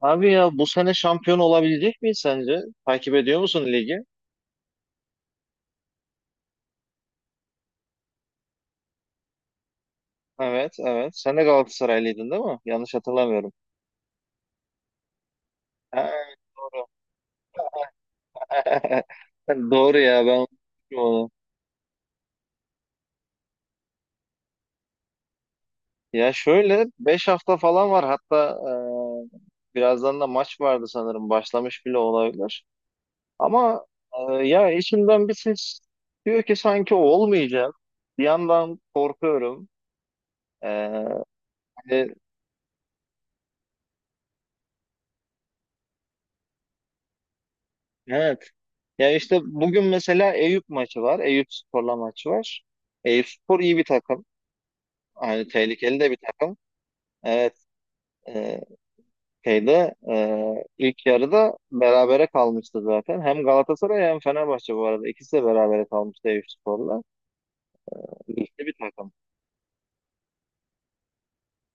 Abi ya bu sene şampiyon olabilecek miyiz sence? Takip ediyor musun ligi? Evet, evet. Sen de Galatasaraylıydın değil mi? Yanlış hatırlamıyorum. Ha, doğru. Doğru ya ben unutmuşum onu. Ya şöyle 5 hafta falan var, hatta birazdan da maç vardı sanırım, başlamış bile olabilir. Ama ya içimden bir ses diyor ki sanki olmayacak. Bir yandan korkuyorum. E, hani, evet, ya işte bugün mesela Eyüp maçı var. Eyüp Spor'la maçı var. Eyüp Spor iyi bir takım, yani tehlikeli de bir takım. Evet. E, şeyde ilk yarıda berabere kalmıştı zaten. Hem Galatasaray hem Fenerbahçe bu arada. İkisi de berabere kalmıştı Eyüp Spor'la. Güçlü bir takım.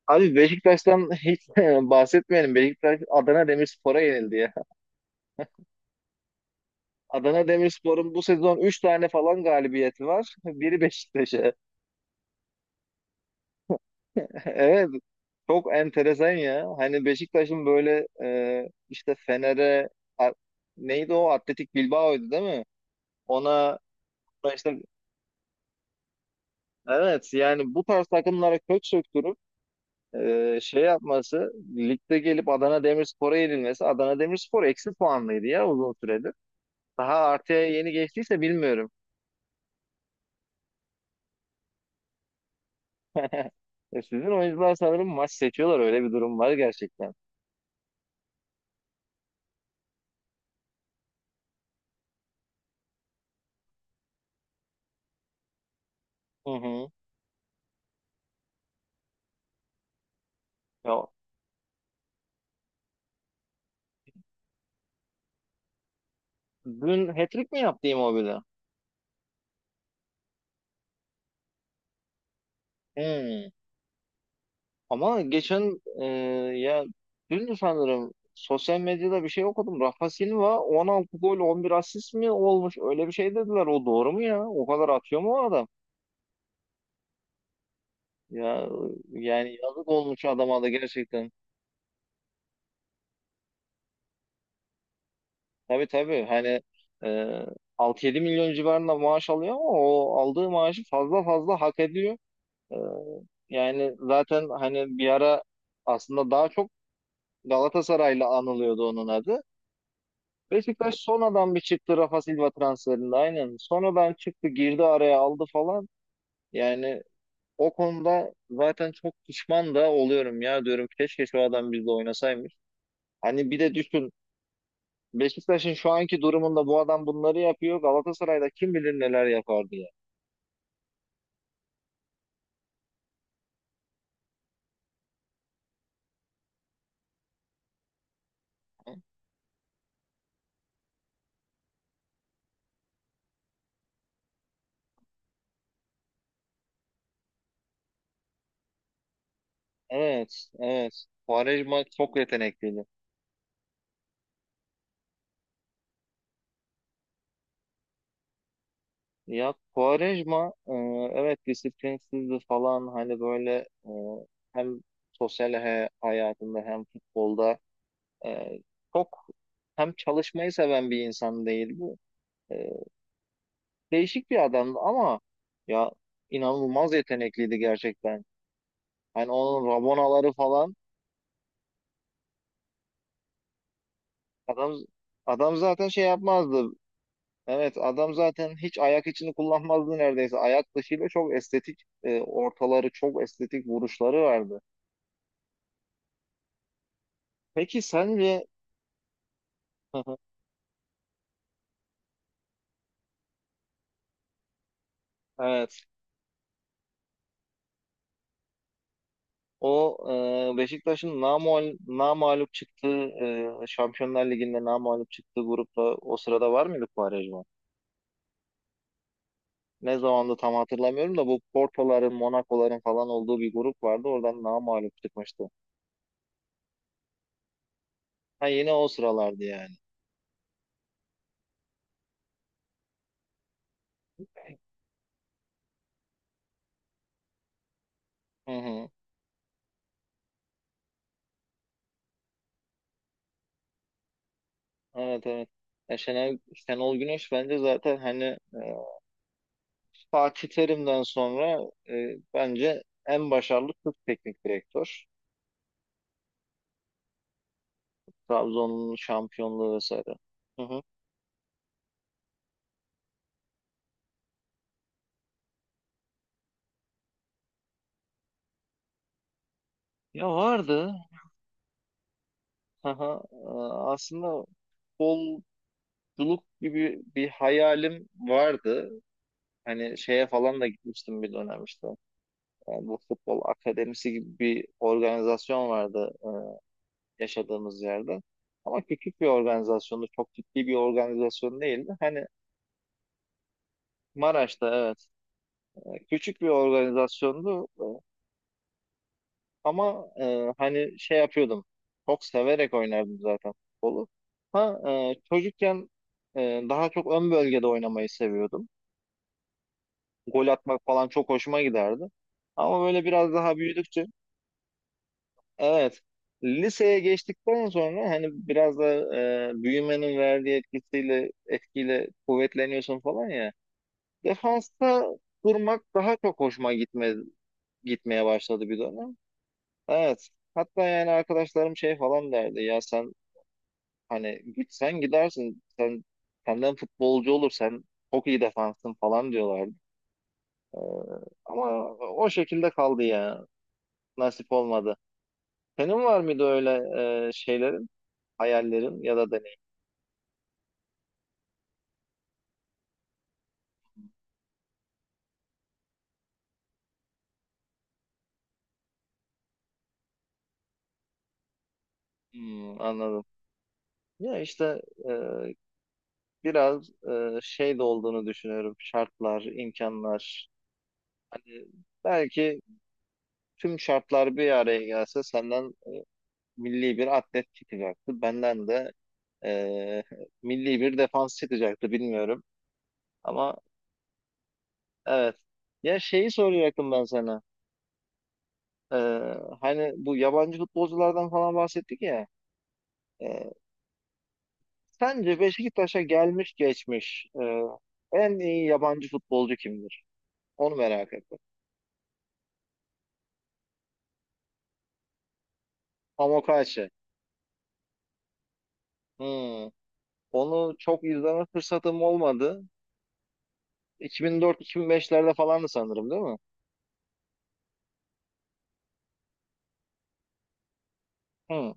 Abi Beşiktaş'tan hiç bahsetmeyelim. Beşiktaş Adana Demirspor'a yenildi ya. Adana Demirspor'un bu sezon 3 tane falan galibiyeti var. Biri Beşiktaş'a. Evet. Çok enteresan ya. Hani Beşiktaş'ın böyle işte Fener'e a- neydi o? Atletik Bilbao'ydu değil mi? Ona ona işte, evet, yani bu tarz takımlara kök söktürüp şey yapması, ligde gelip Adana Demirspor'a yenilmesi. Adana Demirspor eksi puanlıydı ya uzun süredir. Daha artıya yeni geçtiyse bilmiyorum. Sizin oyuncular sanırım maç seçiyorlar. Öyle bir durum var gerçekten. Hı hı. Ya, dün hat-trick mi yaptı Immobile? Hmm. Ama geçen ya dün sanırım sosyal medyada bir şey okudum. Rafa Silva 16 gol 11 asist mi olmuş? Öyle bir şey dediler. O doğru mu ya? O kadar atıyor mu o adam? Ya yani yazık olmuş adama da gerçekten. Tabii tabii, hani e, 6-7 milyon civarında maaş alıyor ama o aldığı maaşı fazla fazla hak ediyor. E, yani zaten hani bir ara, aslında daha çok Galatasaray'la anılıyordu onun adı. Beşiktaş sonradan bir çıktı Rafa Silva transferinde aynen. Sonradan çıktı, girdi araya, aldı falan. Yani o konuda zaten çok pişman da oluyorum ya, diyorum keşke şu adam bizle oynasaymış. Hani bir de düşün, Beşiktaş'ın şu anki durumunda bu adam bunları yapıyor. Galatasaray'da kim bilir neler yapardı ya. Evet, evet. Quaresma çok yetenekliydi. Ya Quaresma, evet disiplinsizdi falan, hani böyle e, hem sosyal hayatında hem futbolda, Ee, çok hem çalışmayı seven bir insan değildi. Ee, değişik bir adamdı ama ya, inanılmaz yetenekliydi gerçekten. Hani onun rabonaları falan, adam adam zaten şey yapmazdı. Evet, adam zaten hiç ayak içini kullanmazdı neredeyse. Ayak dışıyla çok estetik ortaları, çok estetik vuruşları vardı. Peki sence, evet, o Beşiktaş'ın namalup çıktığı Şampiyonlar Ligi'nde namalup çıktığı grupta, o sırada var mıydı Quaresma? Ne zamandı tam hatırlamıyorum da, bu Porto'ların, Monaco'ların falan olduğu bir grup vardı. Oradan namalup çıkmıştı. Ha, yine o sıralardı yani. Hı hı. Evet, evet. Ya Şenol Güneş bence zaten, hani e, Fatih Terim'den sonra bence en başarılı Türk teknik direktör. Trabzon'un şampiyonluğu vesaire. Hı hı. Ya vardı. Aha, aslında futbolculuk gibi bir hayalim vardı. Hani şeye falan da gitmiştim bir dönem işte. Yani bu, futbol akademisi gibi bir organizasyon vardı yaşadığımız yerde. Ama küçük bir organizasyondu. Çok ciddi bir organizasyon değildi. Hani Maraş'ta, evet. Küçük bir organizasyondu. Ama hani şey yapıyordum. Çok severek oynardım zaten futbolu. Ha, çocukken daha çok ön bölgede oynamayı seviyordum. Gol atmak falan çok hoşuma giderdi. Ama böyle biraz daha büyüdükçe, evet, liseye geçtikten sonra, hani biraz da büyümenin verdiği etkiyle kuvvetleniyorsun falan ya. Defansta durmak daha çok gitmeye başladı bir dönem. Evet. Hatta yani arkadaşlarım şey falan derdi ya, sen hani gitsen gidersin sen, senden futbolcu olur, sen çok iyi defansın falan diyorlardı. Ama o şekilde kaldı ya. Nasip olmadı. Senin var mıydı öyle şeylerin, hayallerin ya da deneyim? Hmm, anladım. Ya işte e, biraz şey de olduğunu düşünüyorum. Şartlar, imkanlar. Hani belki tüm şartlar bir araya gelse, senden milli bir atlet çıkacaktı, benden de e, milli bir defans çıkacaktı, bilmiyorum. Ama evet. Ya şeyi soracaktım ben sana. E, hani bu yabancı futbolculardan falan bahsettik ya. E, Sence Beşiktaş'a gelmiş geçmiş en iyi yabancı futbolcu kimdir? Onu merak ettim. Amokachi. Hmm. Onu çok izleme fırsatım olmadı. 2004-2005'lerde falandı sanırım, değil mi? Hmm.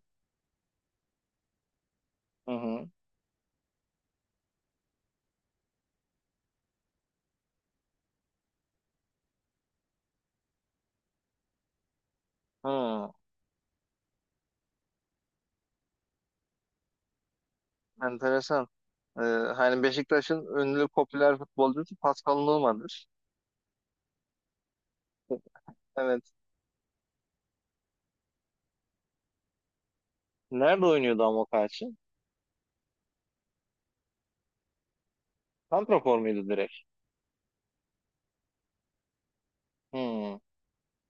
Hı hı. Hmm. Enteresan. E, hani Beşiktaş'ın ünlü popüler futbolcusu Pascal Numa''dır. Evet. Nerede oynuyordu Amokachi? Santrafor muydu direkt? Hmm.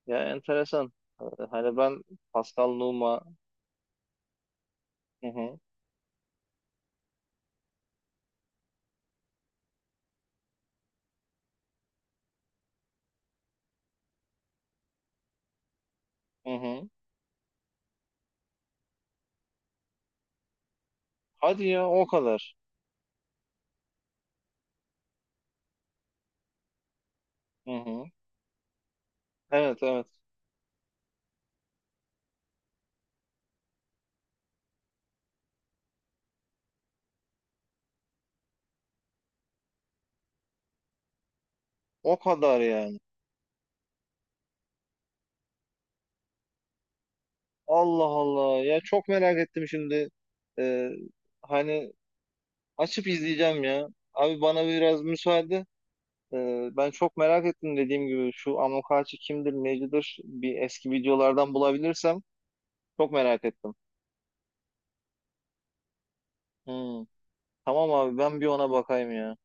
Ya enteresan. E, Hani ben Pascal Numa. Hı hı. Hı hı. Hadi ya, o kadar. Hı hı. Evet, evet. O kadar yani. Allah Allah. Ya çok merak ettim şimdi. Ee, hani açıp izleyeceğim ya. Abi bana biraz müsaade. Ben çok merak ettim dediğim gibi. Şu Amokachi kimdir, necidir? Bir eski videolardan bulabilirsem çok merak ettim. Hı. Tamam abi, ben bir ona bakayım ya.